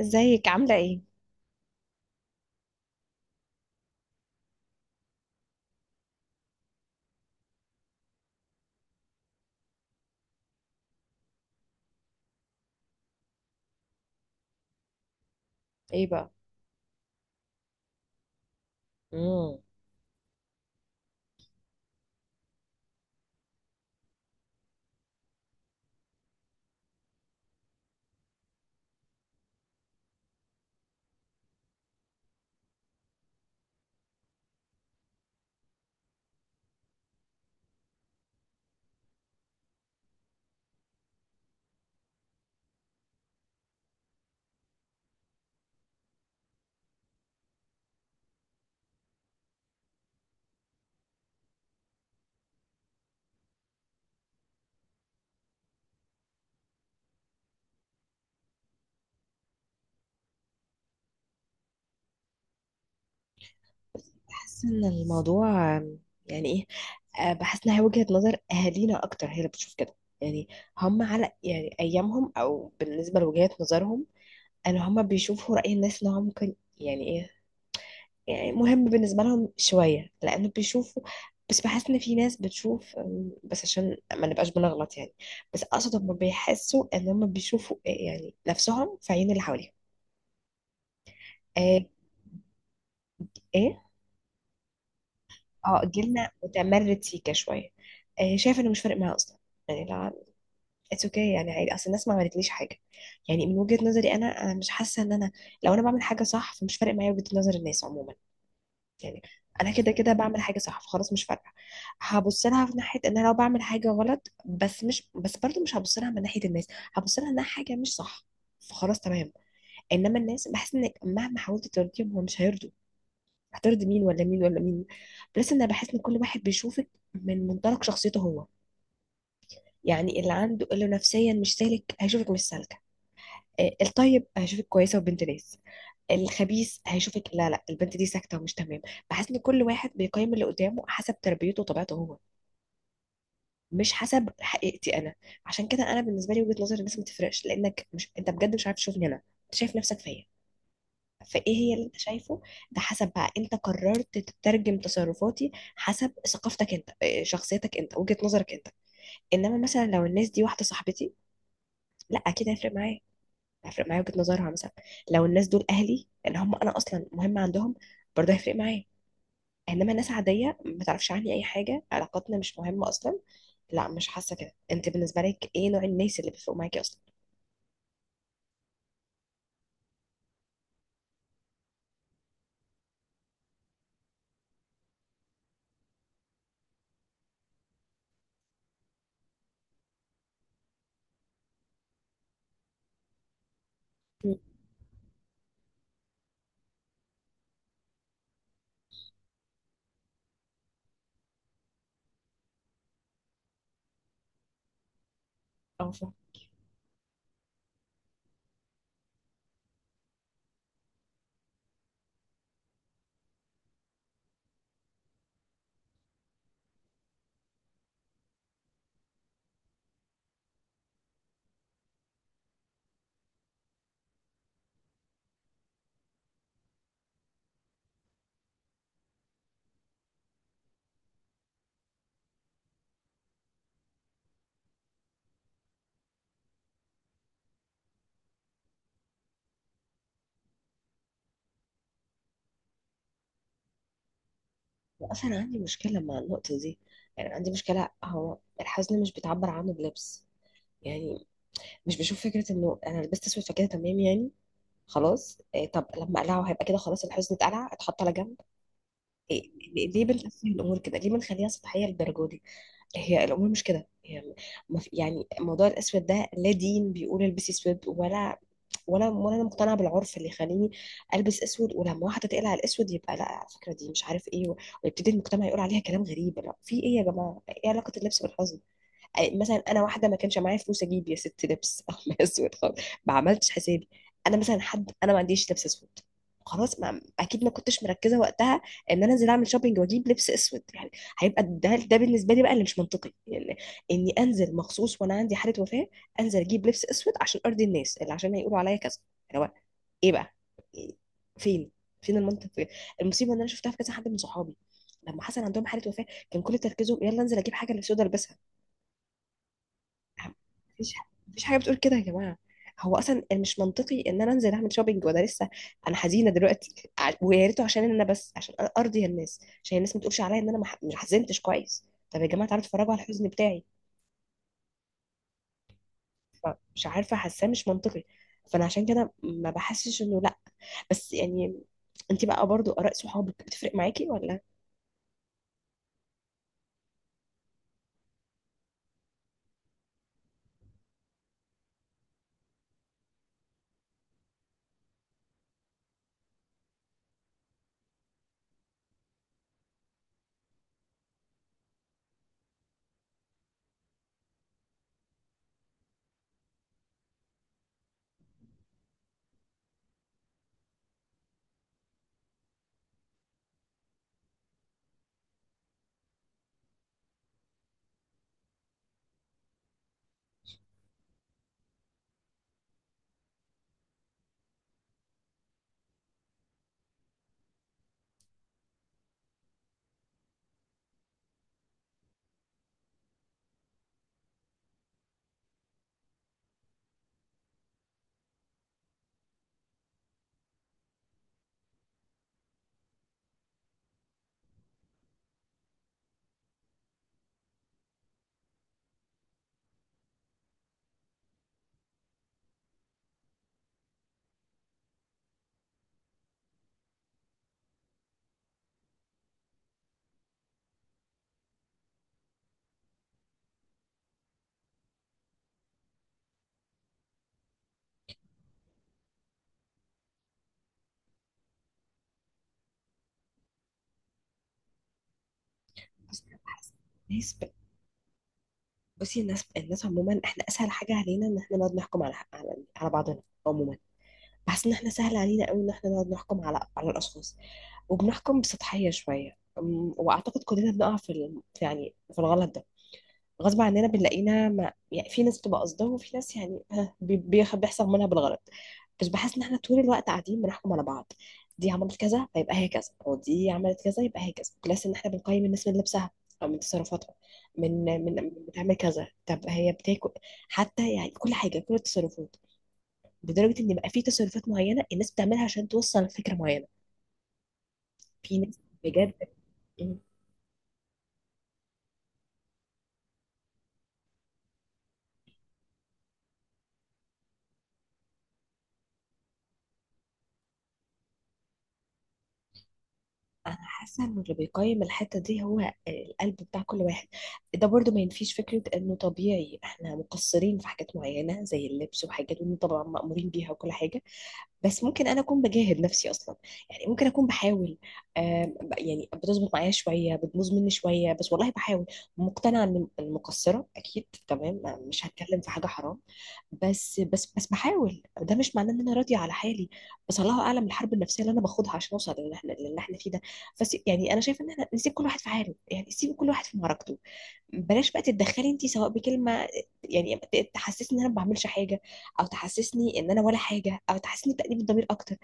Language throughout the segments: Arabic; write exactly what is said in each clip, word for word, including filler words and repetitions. ازيك عاملة ايه؟ ايه بقى. امم بحس ان الموضوع آم، يعني ايه؟ آه، بحس انها وجهة نظر اهالينا اكتر، هي اللي بتشوف كده يعني. هم على يعني ايامهم او بالنسبة لوجهات نظرهم. ان هم بيشوفوا رأي الناس ان هو ممكن يعني ايه، يعني مهم بالنسبة لهم شوية لانه بيشوفوا. بس بحس ان في ناس بتشوف آم، بس عشان ما نبقاش بنغلط يعني. بس اقصد هم بيحسوا ان هم بيشوفوا، آه، يعني نفسهم في عين اللي حواليهم. آه، ايه. اه جيلنا متمرد سيكا شويه. آه شايفه انه مش فارق معاه اصلا، يعني لا. اتس اوكي okay، يعني عادي اصل الناس ما عملتليش حاجه. يعني من وجهه نظري انا انا مش حاسه ان انا، لو انا بعمل حاجه صح فمش فارق معايا وجهه نظر الناس عموما يعني. انا كده كده بعمل حاجه صح فخلاص مش فارقه. هبص لها في ناحيه ان انا لو بعمل حاجه غلط، بس مش بس برضو مش هبص لها من ناحيه الناس، هبص لها انها حاجه مش صح، فخلاص تمام. انما الناس بحس ان مهما حاولت ترضيهم هم مش هيرضوا. هترضي مين ولا مين ولا مين؟ بلس انا بحس ان كل واحد بيشوفك من منطلق شخصيته هو. يعني اللي عنده اللي نفسيا مش سالك هيشوفك مش سالكه. آه، الطيب هيشوفك كويسه وبنت ناس. الخبيث هيشوفك لا لا البنت دي ساكته ومش تمام. بحس ان كل واحد بيقيم اللي قدامه حسب تربيته وطبيعته هو، مش حسب حقيقتي انا. عشان كده انا بالنسبه لي وجهه نظر الناس ما تفرقش، لانك مش، انت بجد مش عارف تشوفني انا، انت شايف نفسك فيا. فايه هي اللي انت شايفه؟ ده حسب بقى انت قررت تترجم تصرفاتي حسب ثقافتك انت، إيه، شخصيتك انت، وجهة نظرك انت. انما مثلا لو الناس دي واحده صاحبتي، لا اكيد هيفرق معايا، هيفرق معايا وجهة نظرها مثلا. لو الناس دول اهلي اللي هم انا اصلا مهمه عندهم، برضه هيفرق معايا. انما ناس عاديه ما تعرفش عني اي حاجه، علاقاتنا مش مهمه اصلا، لا مش حاسه كده. انت بالنسبه لك ايه نوع الناس اللي بيفرقوا معاكي اصلا؟ مم. اه. اصلا عندي مشكله مع النقطه دي. يعني عندي مشكله، هو الحزن مش بيتعبر عنه بلبس يعني. مش بشوف فكره انه انا لبست اسود فكده تمام يعني. خلاص إيه، طب لما اقلعه هيبقى كده خلاص الحزن اتقلع اتحط على جنب؟ إيه ليه؟ ليه بنقسم الامور كده؟ ليه بنخليها سطحيه للدرجه دي؟ هي الامور مش كده يعني. ما في- يعني موضوع الاسود ده لا دين بيقول البسي اسود ولا، ولا ولا انا مقتنعه بالعرف اللي يخليني البس اسود. ولما واحده تقلع الاسود يبقى لا على فكره دي مش عارف ايه، ويبتدي المجتمع يقول عليها كلام غريب. لا في ايه يا جماعه؟ ايه علاقه اللبس بالحزن؟ مثلا انا واحده ما كانش معايا فلوس اجيب يا ست لبس او اسود خالص، ما عملتش حسابي. انا مثلا حد انا ما عنديش لبس اسود، خلاص ما اكيد ما كنتش مركزه وقتها ان انا انزل اعمل شوبينج واجيب لبس اسود يعني. هيبقى ده ده بالنسبه لي بقى اللي مش منطقي يعني. اني انزل مخصوص وانا عندي حاله وفاه، انزل اجيب لبس اسود عشان ارضي الناس اللي عشان هيقولوا عليا كذا اللي هو ايه بقى؟ إيه؟ فين؟ فين المنطق في كده؟ المصيبه ان انا شفتها في كذا حد من صحابي. لما حصل عندهم حاله وفاه كان كل تركيزهم يلا انزل اجيب حاجه اللي سودا البسها. مفيش مفيش حاجه بتقول كده يا جماعه. هو اصلا مش منطقي ان انا انزل اعمل شوبينج وانا لسه، انا حزينه دلوقتي، ع- ويا ريته عشان انا بس عشان أ- ارضي الناس، عشان الناس ما تقولش عليا ان انا ما ح- ما حزنتش كويس. طب يا جماعه تعالوا اتفرجوا على الحزن بتاعي. مش عارفه حاساه مش منطقي. فانا عشان كده ما بحسش انه لا. بس يعني انت بقى برضو اراء صحابك بتفرق معاكي ولا؟ بس أنا بحس- ناس ب- بصي الناس، الناس عموما احنا اسهل حاجه علينا ان احنا نقعد نحكم على على على بعضنا عموما. بحس ان احنا سهل علينا قوي ان احنا نقعد نحكم على على الاشخاص، وبنحكم بسطحيه شويه. أم، واعتقد كلنا بنقع في ال- في يعني في الغلط ده غصب عننا، بنلاقينا ما يعني. في ناس بتبقى قصدها، وفي ناس يعني، آه، بي- بيخ- بيحصل منها بالغلط. بس بحس ان احنا طول الوقت قاعدين بنحكم على بعض. دي عملت كذا فيبقى هي كذا، ودي عملت كذا يبقى هي كذا. بلس ان احنا بنقيم الناس من لبسها او من تصرفاتها، من من من بتعمل كذا، طب هي بتاكل، حتى يعني كل حاجه، كل التصرفات. لدرجه ان بقى في تصرفات معينه الناس بتعملها عشان توصل لفكره معينه. في ناس بجد. م- انا حاسه انه اللي بيقيم الحته دي هو القلب بتاع كل واحد. ده برضو ما ينفيش فكره انه طبيعي احنا مقصرين في حاجات معينه زي اللبس وحاجات، وإنه طبعا مأمورين بيها وكل حاجه. بس ممكن انا اكون بجاهد نفسي اصلا، يعني ممكن اكون بحاول. آم، ب- يعني بتظبط معايا شويه، بتبوظ مني شويه، بس والله بحاول. مقتنعه ان المقصره اكيد تمام، ما- مش هتكلم في حاجه حرام. بس بس بس بحاول، ده مش معناه ان انا راضيه على حالي. بس الله اعلم الحرب النفسيه اللي انا باخدها عشان اوصل للي احنا، للي احنا فيه ده. بس يعني انا شايفه ان احنا نسيب كل واحد في حاله. يعني سيب كل واحد في معركته، بلاش بقى تتدخلي انت سواء بكلمه يعني ت- تحسسني ان انا ما بعملش حاجه، او تحسسني ان انا ولا حاجه، او تحسسني بتأنيب الضمير اكتر.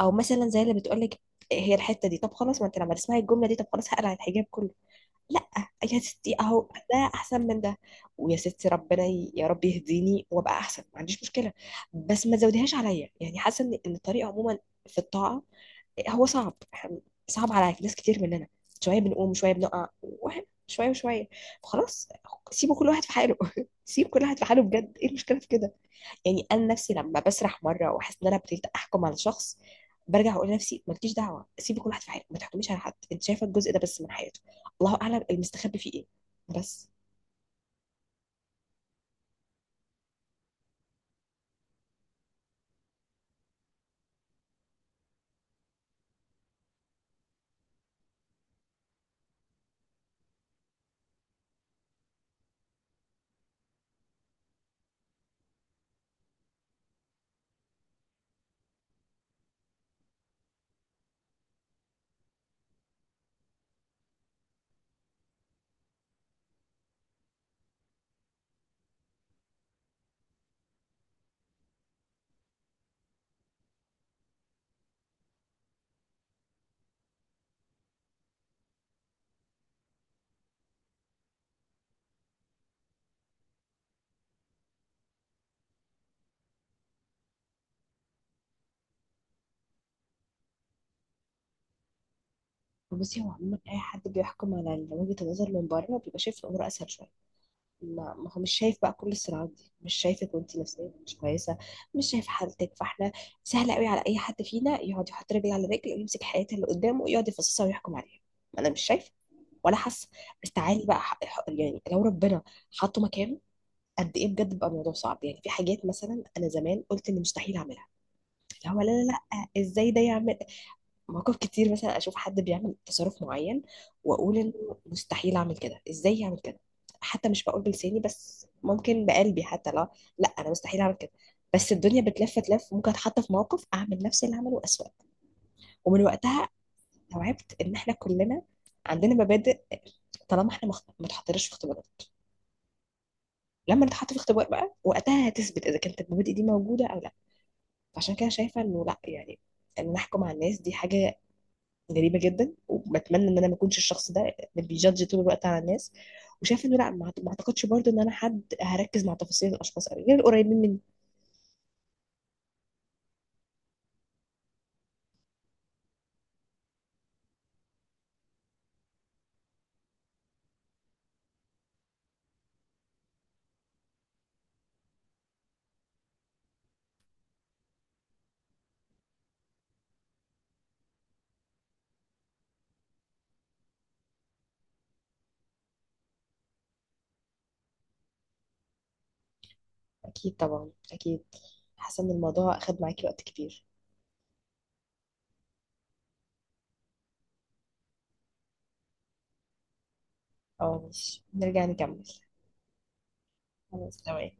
او مثلا زي اللي بتقول لك هي الحته دي، طب خلاص ما انت لما تسمعي الجمله دي طب خلاص هقلع الحجاب كله؟ لا، يا ستي اهو ده احسن من ده. ويا ستي ربنا ي- يا رب يهديني وابقى احسن، ما عنديش مشكله. بس ما تزوديهاش عليا يعني. حاسه ان إن الطريقه عموما في الطاعه هو صعب، إحنا- صعب على ناس كتير مننا. شويه بنقوم شويه بنقع، واحد شويه وشويه، خلاص. سيبوا كل واحد في حاله سيب كل واحد في حاله بجد، ايه المشكله في كده؟ يعني انا نفسي لما بسرح مره واحس ان انا ابتديت احكم على شخص، برجع اقول لنفسي مالكيش دعوه، سيبي كل واحد في حاله، ما تحكميش على حد، انت شايفه الجزء ده بس من حياته، الله اعلم المستخبي فيه ايه. بس بصي هو عموما اي حد بيحكم على وجهه النظر من بره بيبقى شايف الامور اسهل شويه. ما ما هو مش شايف بقى كل الصراعات دي، مش شايفك وانت نفسيا مش كويسه، مش شايف حالتك. فاحنا سهل قوي على اي حد فينا يقعد يحط رجل على رجل ويمسك حياة اللي قدامه ويقعد يفصصها ويحكم عليها. ما انا مش شايفه ولا حاسه. بس تعالي بقى ح- ح- يعني لو ربنا حطه مكانه قد ايه بجد بقى الموضوع صعب. يعني في حاجات مثلا انا زمان قلت ان مستحيل اعملها، اللي هو لا لا لا ازاي ده يعمل. مواقف كتير مثلا اشوف حد بيعمل تصرف معين واقول انه مستحيل اعمل كده، ازاي يعمل كده. حتى مش بقول بلساني بس، ممكن بقلبي حتى. لا لا انا مستحيل اعمل كده. بس الدنيا بتلف تلف، ممكن اتحط في موقف اعمل نفس اللي عمله اسوأ. ومن وقتها استوعبت ان احنا كلنا عندنا مبادئ. طالما احنا ما خ- ما اتحطناش في اختبارات، لما نتحط في اختبار بقى وقتها هتثبت اذا كانت المبادئ دي موجوده او لا. فعشان كده شايفه انه لا يعني، ان نحكم على الناس دي حاجه غريبه جدا. وبتمنى ان انا ما اكونش الشخص ده اللي بيجادج طول الوقت على الناس. وشايف انه لا ما ما اعتقدش برضو ان انا حد هركز مع تفاصيل الاشخاص قوي غير القريبين مني. اكيد طبعا اكيد. حاسه ان الموضوع اخد معاكي وقت كبير. اه ماشي نرجع نكمل. خلاص تمام.